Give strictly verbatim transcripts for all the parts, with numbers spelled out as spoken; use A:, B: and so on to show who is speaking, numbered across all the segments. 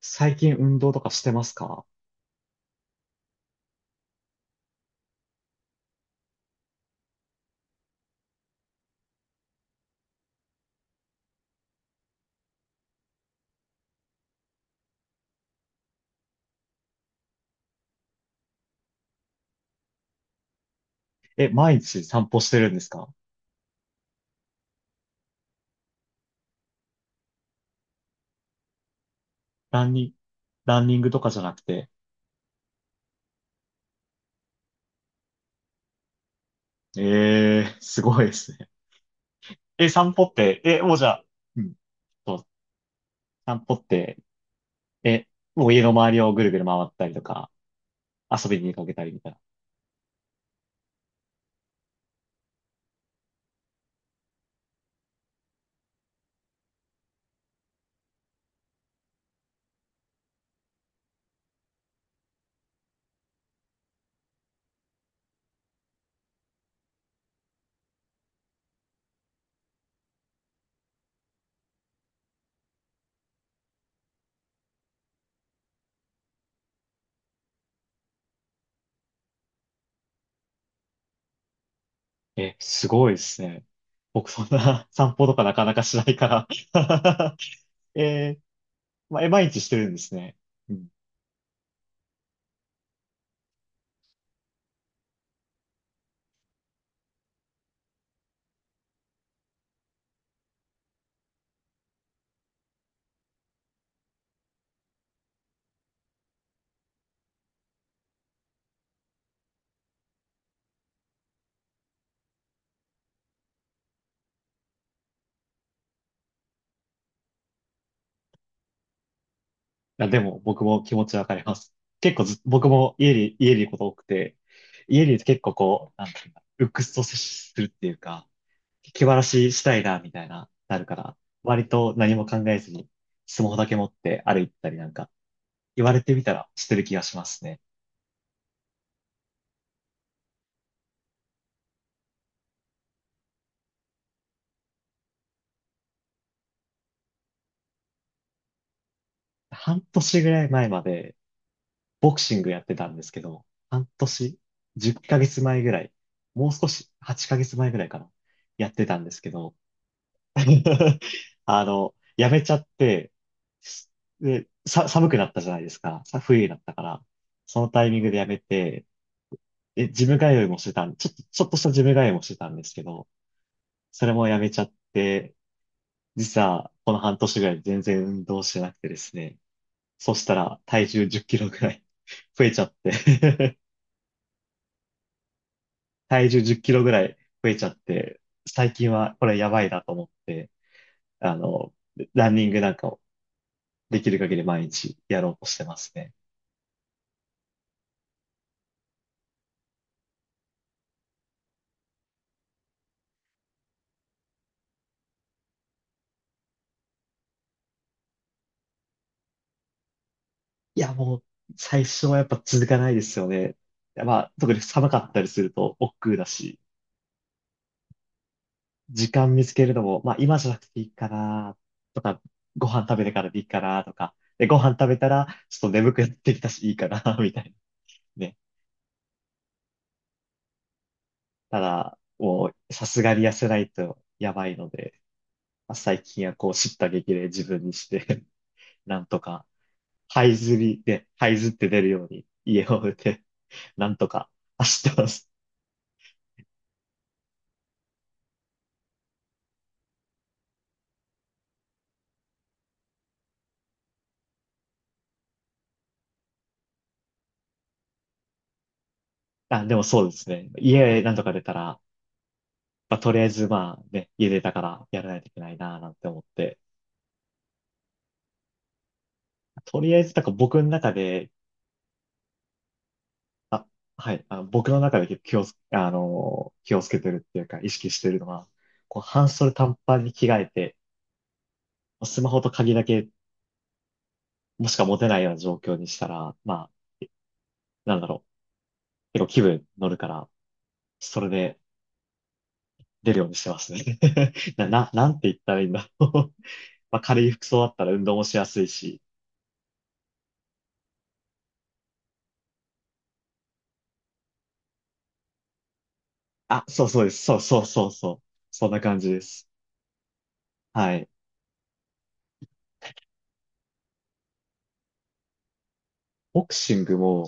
A: 最近運動とかしてますか？え、毎日散歩してるんですか？ランニング、ランニングとかじゃなくて。えー、すごいですね。え、散歩って、え、もうじゃあ、うん、そう散歩って、え、もう家の周りをぐるぐる回ったりとか、遊びに出かけたりみたいな。え、すごいですね。僕そんな 散歩とかなかなかしないから。 えー、まあえ、毎日してるんですね。や、でも僕も気持ちわかります。結構ず、僕も家に、家にいること多くて、家にいると結構こう、なんていうんだ、鬱屈と接するっていうか、気晴らししたいな、みたいな、なるから、割と何も考えずに、スマホだけ持って歩いたりなんか、言われてみたらしてる気がしますね。半年ぐらい前まで、ボクシングやってたんですけど、半年、じゅっかげつまえぐらい、もう少し、はちかげつまえぐらいかな、やってたんですけど、あの、やめちゃって、すで、さ、寒くなったじゃないですか。さ、冬になったから。そのタイミングでやめて、で、ジム通いもしてたん、ちょっと、ちょっとしたジム通いもしてたんですけど、それもやめちゃって、実はこの半年ぐらい全然運動してなくてですね。そしたら体重じゅっキロぐらい 増えちゃって、体重じゅっキロぐらい増えちゃって、最近はこれやばいなと思って、あの、ランニングなんかをできる限り毎日やろうとしてますね。いや、もう、最初はやっぱ続かないですよね。まあ、特に寒かったりすると億劫だし、時間見つけるのも、まあ、今じゃなくていいかな、とか、ご飯食べてからでいいかな、とか、で、ご飯食べたら、ちょっと眠くなってきたし、いいかな、みたいなね。ただ、もう、さすがに痩せないとやばいので、まあ、最近はこう、叱咤激励自分にして なんとか、這いずりで、這いずって出るように、家を出て、なんとか走ってます。あ、でもそうですね。家なんとか出たら、まあ、とりあえずまあね、家出たからやらないといけないな、なんて思って。とりあえず、なんか僕の中で、はい、あの僕の中で結構気をつ、あのー、気をつけてるっていうか、意識してるのは、こう、半袖短パンに着替えて、スマホと鍵だけ、もしか持てないような状況にしたら、まあ、なんだろう、結構気分乗るから、それで出るようにしてますね。な、な、なんて言ったらいいんだろう。まあ、軽い服装だったら運動もしやすいし、あ、そうそうです。そうそうそうそう。そんな感じです。はい。ボクシングも、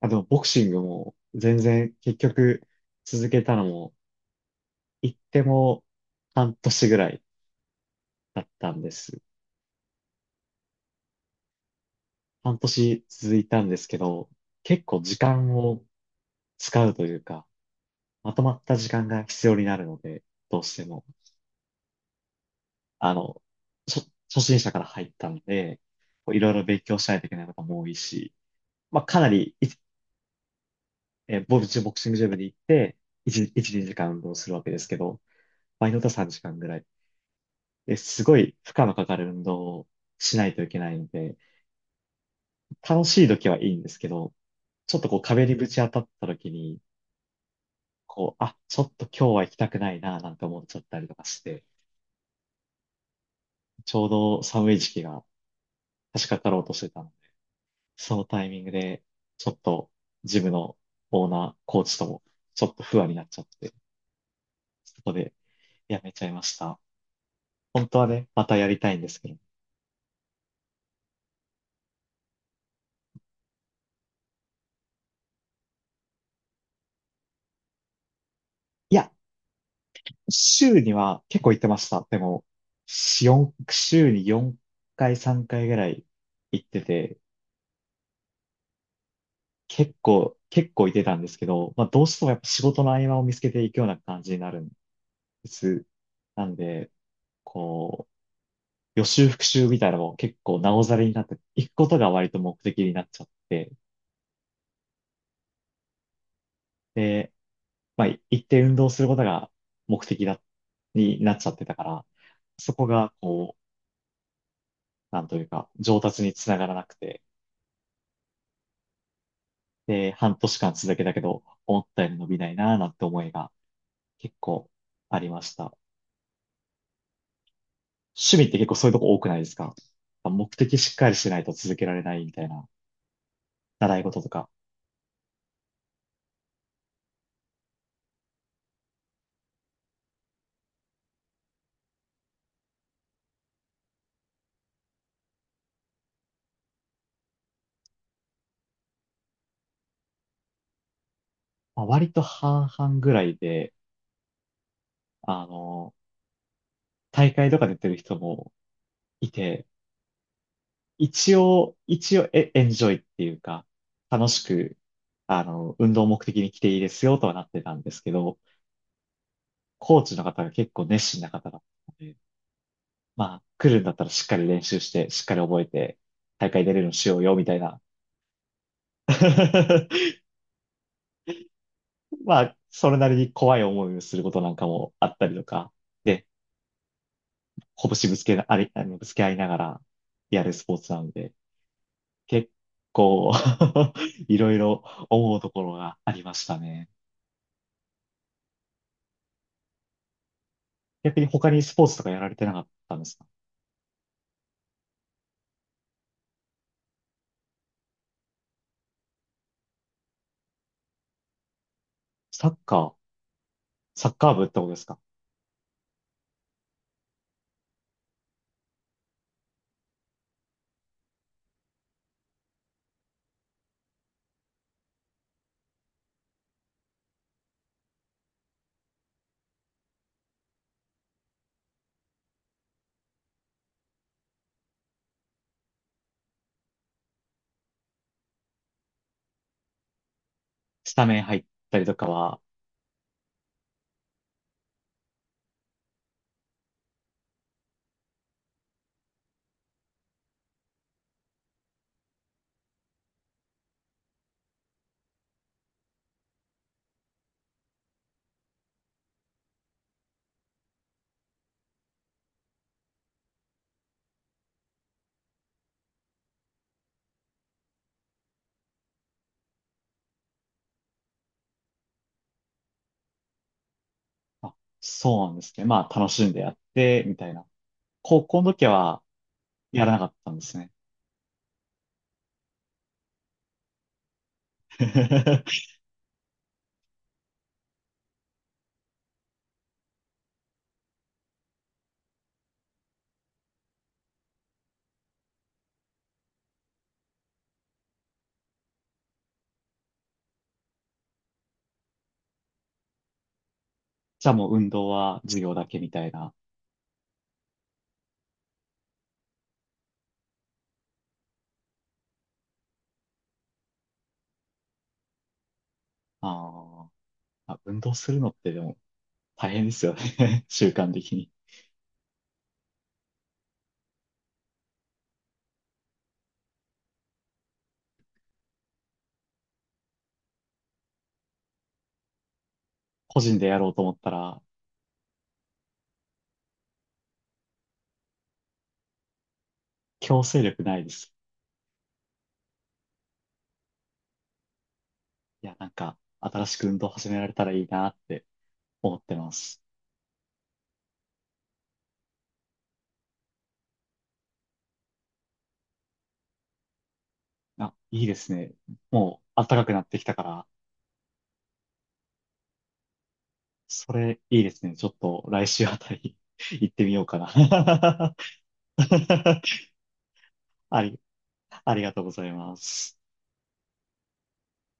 A: あ、でもボクシングも全然結局続けたのも、行っても半年ぐらいだったんです。半年続いたんですけど、結構時間を使うというか、まとまった時間が必要になるので、どうしても、あの、初、初心者から入ったので、こういろいろ勉強しないといけないことも多いし、まあかなりえーボルチボクシングジムに行って、いち、いち、にじかん運動するわけですけど、場合によっては時間ぐらい。え、すごい負荷のかかる運動をしないといけないんで、楽しい時はいいんですけど、ちょっとこう壁にぶち当たった時に、こう、あ、ちょっと今日は行きたくないな、なんて思っちゃったりとかして、ちょうど寒い時期が差し掛かろうとしてたので、そのタイミングで、ちょっとジムのオーナー、コーチとも、ちょっと不安になっちゃって、そこでやめちゃいました。本当はね、またやりたいんですけど、いや、週には結構行ってました。でも、四週によんかい、さんかいぐらい行ってて、結構、結構行ってたんですけど、まあどうしてもやっぱ仕事の合間を見つけていくような感じになるんです。なんで、こう、予習復習みたいなのも結構なおざりになって、行くことが割と目的になっちゃって、で、まあ行って運動することが目的だ、になっちゃってたから、そこがこう、なんというか、上達につながらなくて、で、半年間続けたけど、思ったより伸びないなぁなんて思いが結構ありました。趣味って結構そういうとこ多くないですか？目的しっかりしないと続けられないみたいな習い事とか。まあ、割と半々ぐらいで、あの、大会とか出てる人もいて、一応、一応エ、エンジョイっていうか、楽しく、あの、運動目的に来ていいですよとはなってたんですけど、コーチの方が結構熱心な方だったので、まあ、来るんだったらしっかり練習して、しっかり覚えて、大会出れるのしようよ、みたいな。まあ、それなりに怖い思いをすることなんかもあったりとか、で、拳ぶつけな、あれ、あの、ぶつけ合いながらやるスポーツなので、結構 いろいろ思うところがありましたね。逆に他にスポーツとかやられてなかったんですか？サッカー、サッカー部ってことですか？スタメン入ったりとかは、あ、そうなんですね。まあ、楽しんでやって、みたいな。高校の時は、やらなかったんですね。じゃあもう運動は授業だけみたいな。あー、あ、運動するのってでも大変ですよね。習慣的に。個人でやろうと思ったら強制力ないです。いや、なんか新しく運動始められたらいいなって思ってます。あ、いいですね。もう暖かくなってきたから、それいいですね。ちょっと来週あたり 行ってみようかな。 あり、ありがとうございます。